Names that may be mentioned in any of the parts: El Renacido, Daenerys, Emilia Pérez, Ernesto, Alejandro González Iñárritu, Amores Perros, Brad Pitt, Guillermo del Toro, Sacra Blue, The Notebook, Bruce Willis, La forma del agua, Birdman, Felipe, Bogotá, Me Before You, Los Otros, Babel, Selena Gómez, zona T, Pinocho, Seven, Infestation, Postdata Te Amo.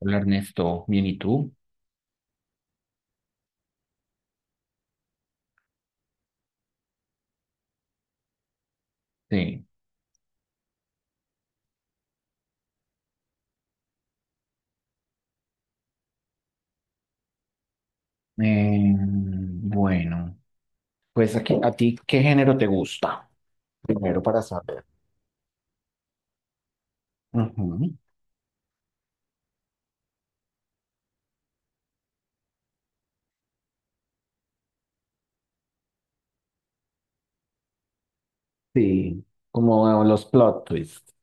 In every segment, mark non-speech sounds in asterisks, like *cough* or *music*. Hola Ernesto, bien, ¿y tú? Sí. Bueno, pues aquí, ¿a ti qué género te gusta? Primero para saber. Ujú. Sí, como los plot twists.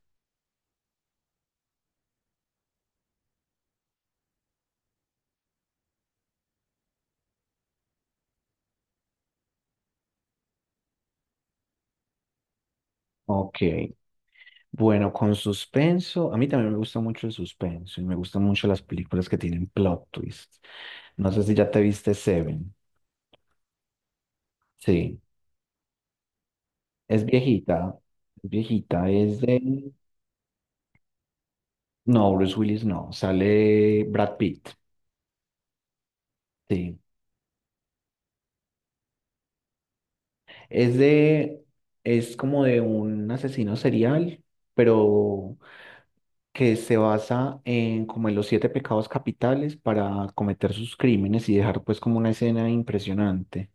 Ok. Bueno, con suspenso, a mí también me gusta mucho el suspenso y me gustan mucho las películas que tienen plot twists. No sé si ya te viste Seven. Sí, es viejita, es viejita, es de... No, Bruce Willis no, sale Brad Pitt. Sí. Es de, es como de un asesino serial, pero que se basa en como en los siete pecados capitales para cometer sus crímenes y dejar pues como una escena impresionante.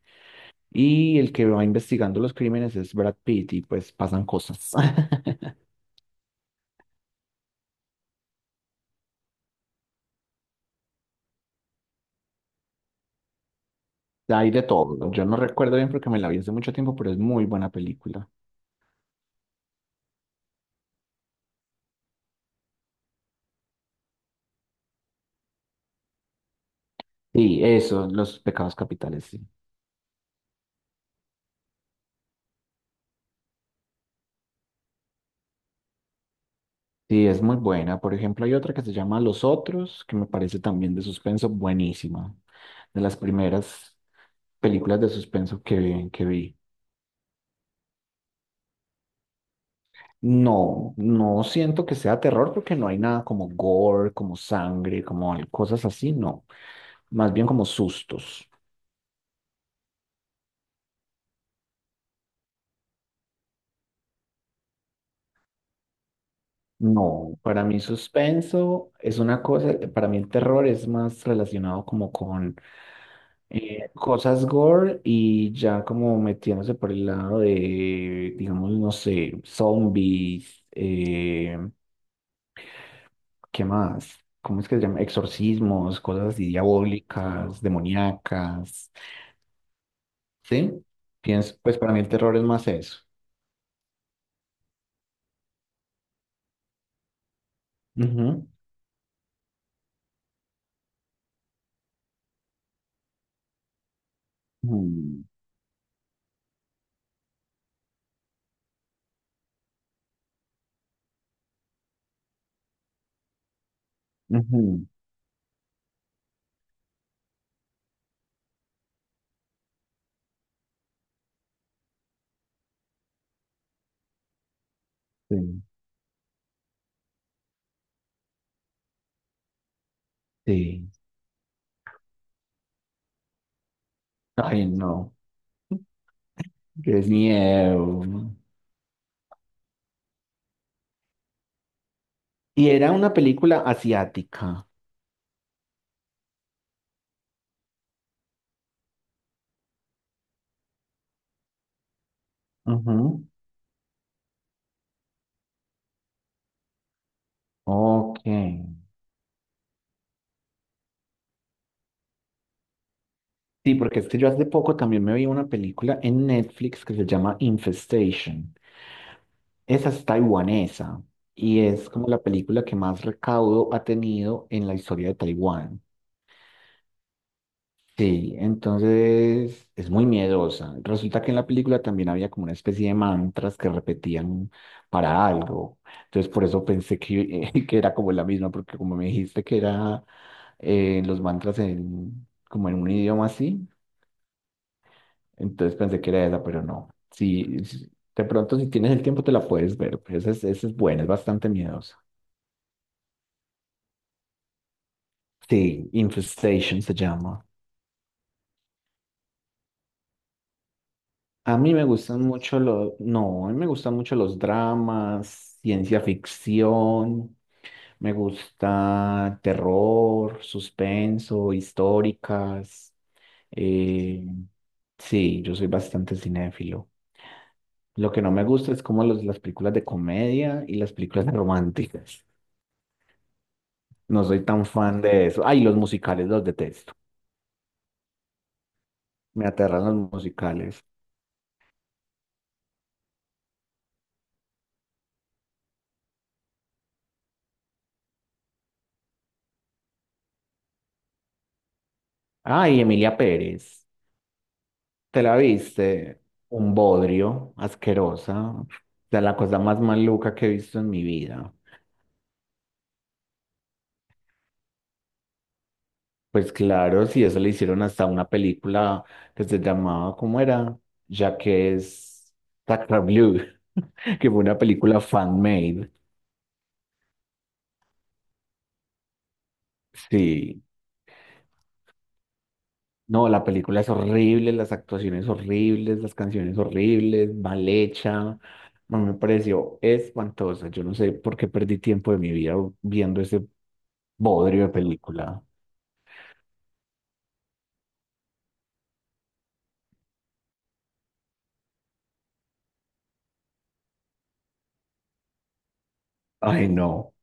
Y el que va investigando los crímenes es Brad Pitt y pues pasan cosas. *laughs* Hay de todo. Yo no recuerdo bien porque me la vi hace mucho tiempo, pero es muy buena película. Sí, eso, los pecados capitales, sí. Sí, es muy buena. Por ejemplo, hay otra que se llama Los Otros, que me parece también de suspenso buenísima. De las primeras películas de suspenso que vi. No, no siento que sea terror porque no hay nada como gore, como sangre, como cosas así, no. Más bien como sustos. No, para mí suspenso es una cosa, para mí el terror es más relacionado como con cosas gore y ya como metiéndose por el lado de, digamos, no sé, zombies, ¿qué más? ¿Cómo es que se llama? Exorcismos, cosas así diabólicas, demoníacas, ¿sí? Pienso, pues para mí el terror es más eso. Ujú, ujú, ujú. Sí, sí. Ay, no, es miedo. Y era una película asiática. Ujú. Ok. Sí, porque es que yo hace poco también me vi una película en Netflix que se llama Infestation. Esa es taiwanesa y es como la película que más recaudo ha tenido en la historia de Taiwán. Sí, entonces es muy miedosa. Resulta que en la película también había como una especie de mantras que repetían para algo. Entonces por eso pensé que, *laughs* que era como la misma, porque como me dijiste que era los mantras en, como en un idioma así. Entonces pensé que era esa, pero no. De pronto, si tienes el tiempo, te la puedes ver. Pues esa es buena, es bastante miedosa. Sí, Infestation se llama. A mí me gustan mucho los, no, a mí me gustan mucho los dramas, ciencia ficción, me gusta terror, suspenso, históricas. eh, sí, yo soy bastante cinéfilo. Lo que no me gusta es como las películas de comedia y las películas románticas. No soy tan fan de eso. Ay, los musicales los detesto. Me aterran los musicales. Ay, Emilia Pérez. ¿Te la viste? Un bodrio, asquerosa. O sea, la cosa más maluca que he visto en mi vida. Pues claro, si eso le hicieron hasta una película que se llamaba, ¿cómo era? Ya que es Sacra Blue, *laughs* que fue una película fan-made. Sí. No, la película es horrible, las actuaciones horribles, las canciones horribles, mal hecha. No me pareció espantosa. Yo no sé por qué perdí tiempo de mi vida viendo ese bodrio de película. Ay, no.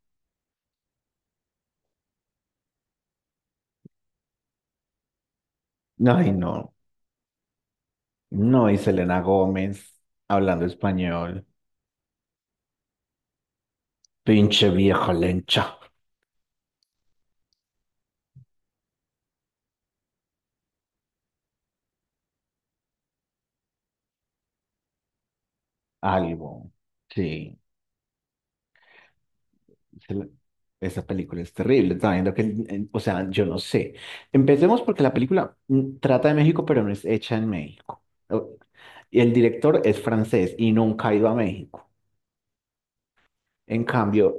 Ay, no. No, y Selena Gómez hablando español. Pinche vieja lencha. Algo. Sí. El- Esa película es terrible. También o sea, yo no sé. Empecemos porque la película trata de México, pero no es hecha en México. O- Y el director es francés y nunca ha ido a México. En cambio,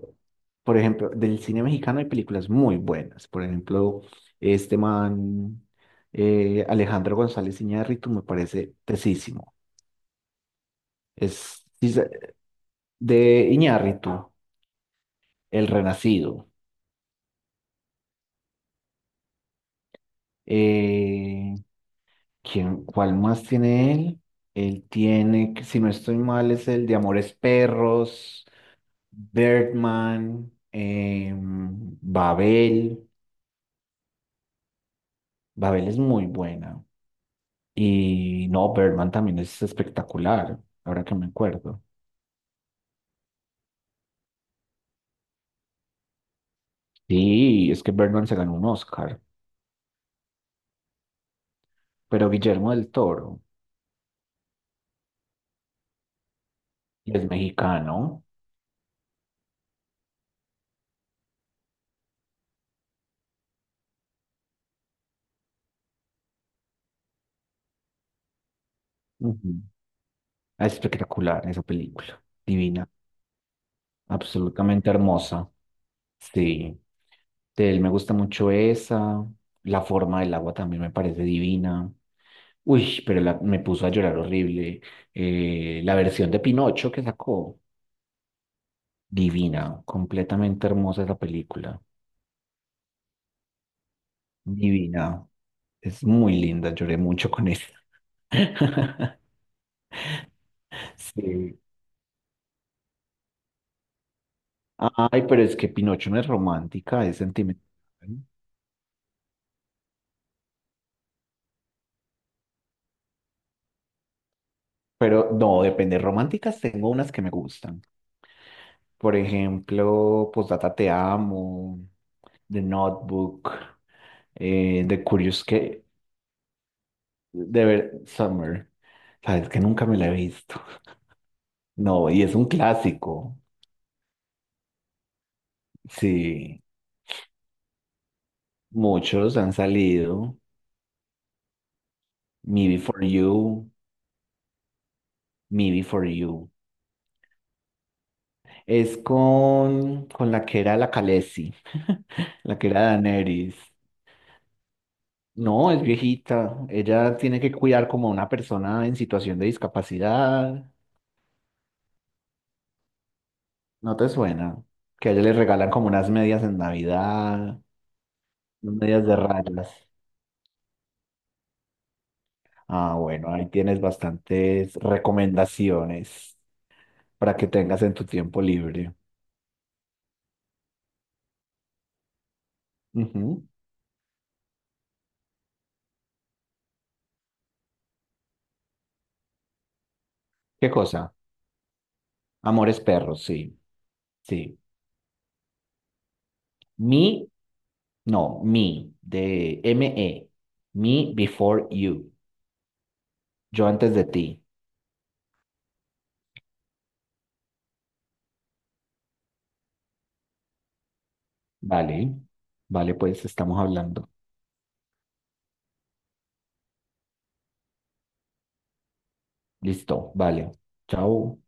por ejemplo, del cine mexicano hay películas muy buenas. Por ejemplo, este man, Alejandro González Iñárritu, me parece tesísimo. Es sí, de Iñárritu, El Renacido. Eh, ¿Quién, cuál más tiene él? Él tiene, si no estoy mal, es el de Amores Perros, Birdman, Babel. Babel es muy buena. Y no, Birdman también es espectacular, ahora que me acuerdo. Sí, es que Birdman se ganó un Oscar, pero Guillermo del Toro, y es mexicano. Ujú. Es espectacular esa película, divina, absolutamente hermosa. Sí. De él me gusta mucho esa. La forma del agua también me parece divina. Uy, pero me puso a llorar horrible. La versión de Pinocho que sacó, divina, completamente hermosa esa película. Divina. Es muy linda, lloré mucho con esa. *laughs* Sí. Ay, pero es que Pinocho no es romántica, es sentimental. Pero no, depende. Románticas tengo unas que me gustan. Por ejemplo, Postdata Te Amo, The Notebook, The Curious que de ver Summer. Sabes que nunca me la he visto. *laughs* No, y es un clásico. Sí, muchos han salido. Me Before You, Me Before You. Es con, la que era la Khaleesi, *laughs* la que era Daenerys. No, es viejita. Ella tiene que cuidar como a una persona en situación de discapacidad. ¿No te suena? Que a ella le regalan como unas medias en Navidad, unas medias de rayas. Ah, bueno, ahí tienes bastantes recomendaciones para que tengas en tu tiempo libre. Ujú. ¿Qué cosa? Amores Perros, sí, sí. Me, no, me, de ME. Me before you. Yo antes de ti. Vale, vale, pues estamos hablando. Listo, vale. Chao.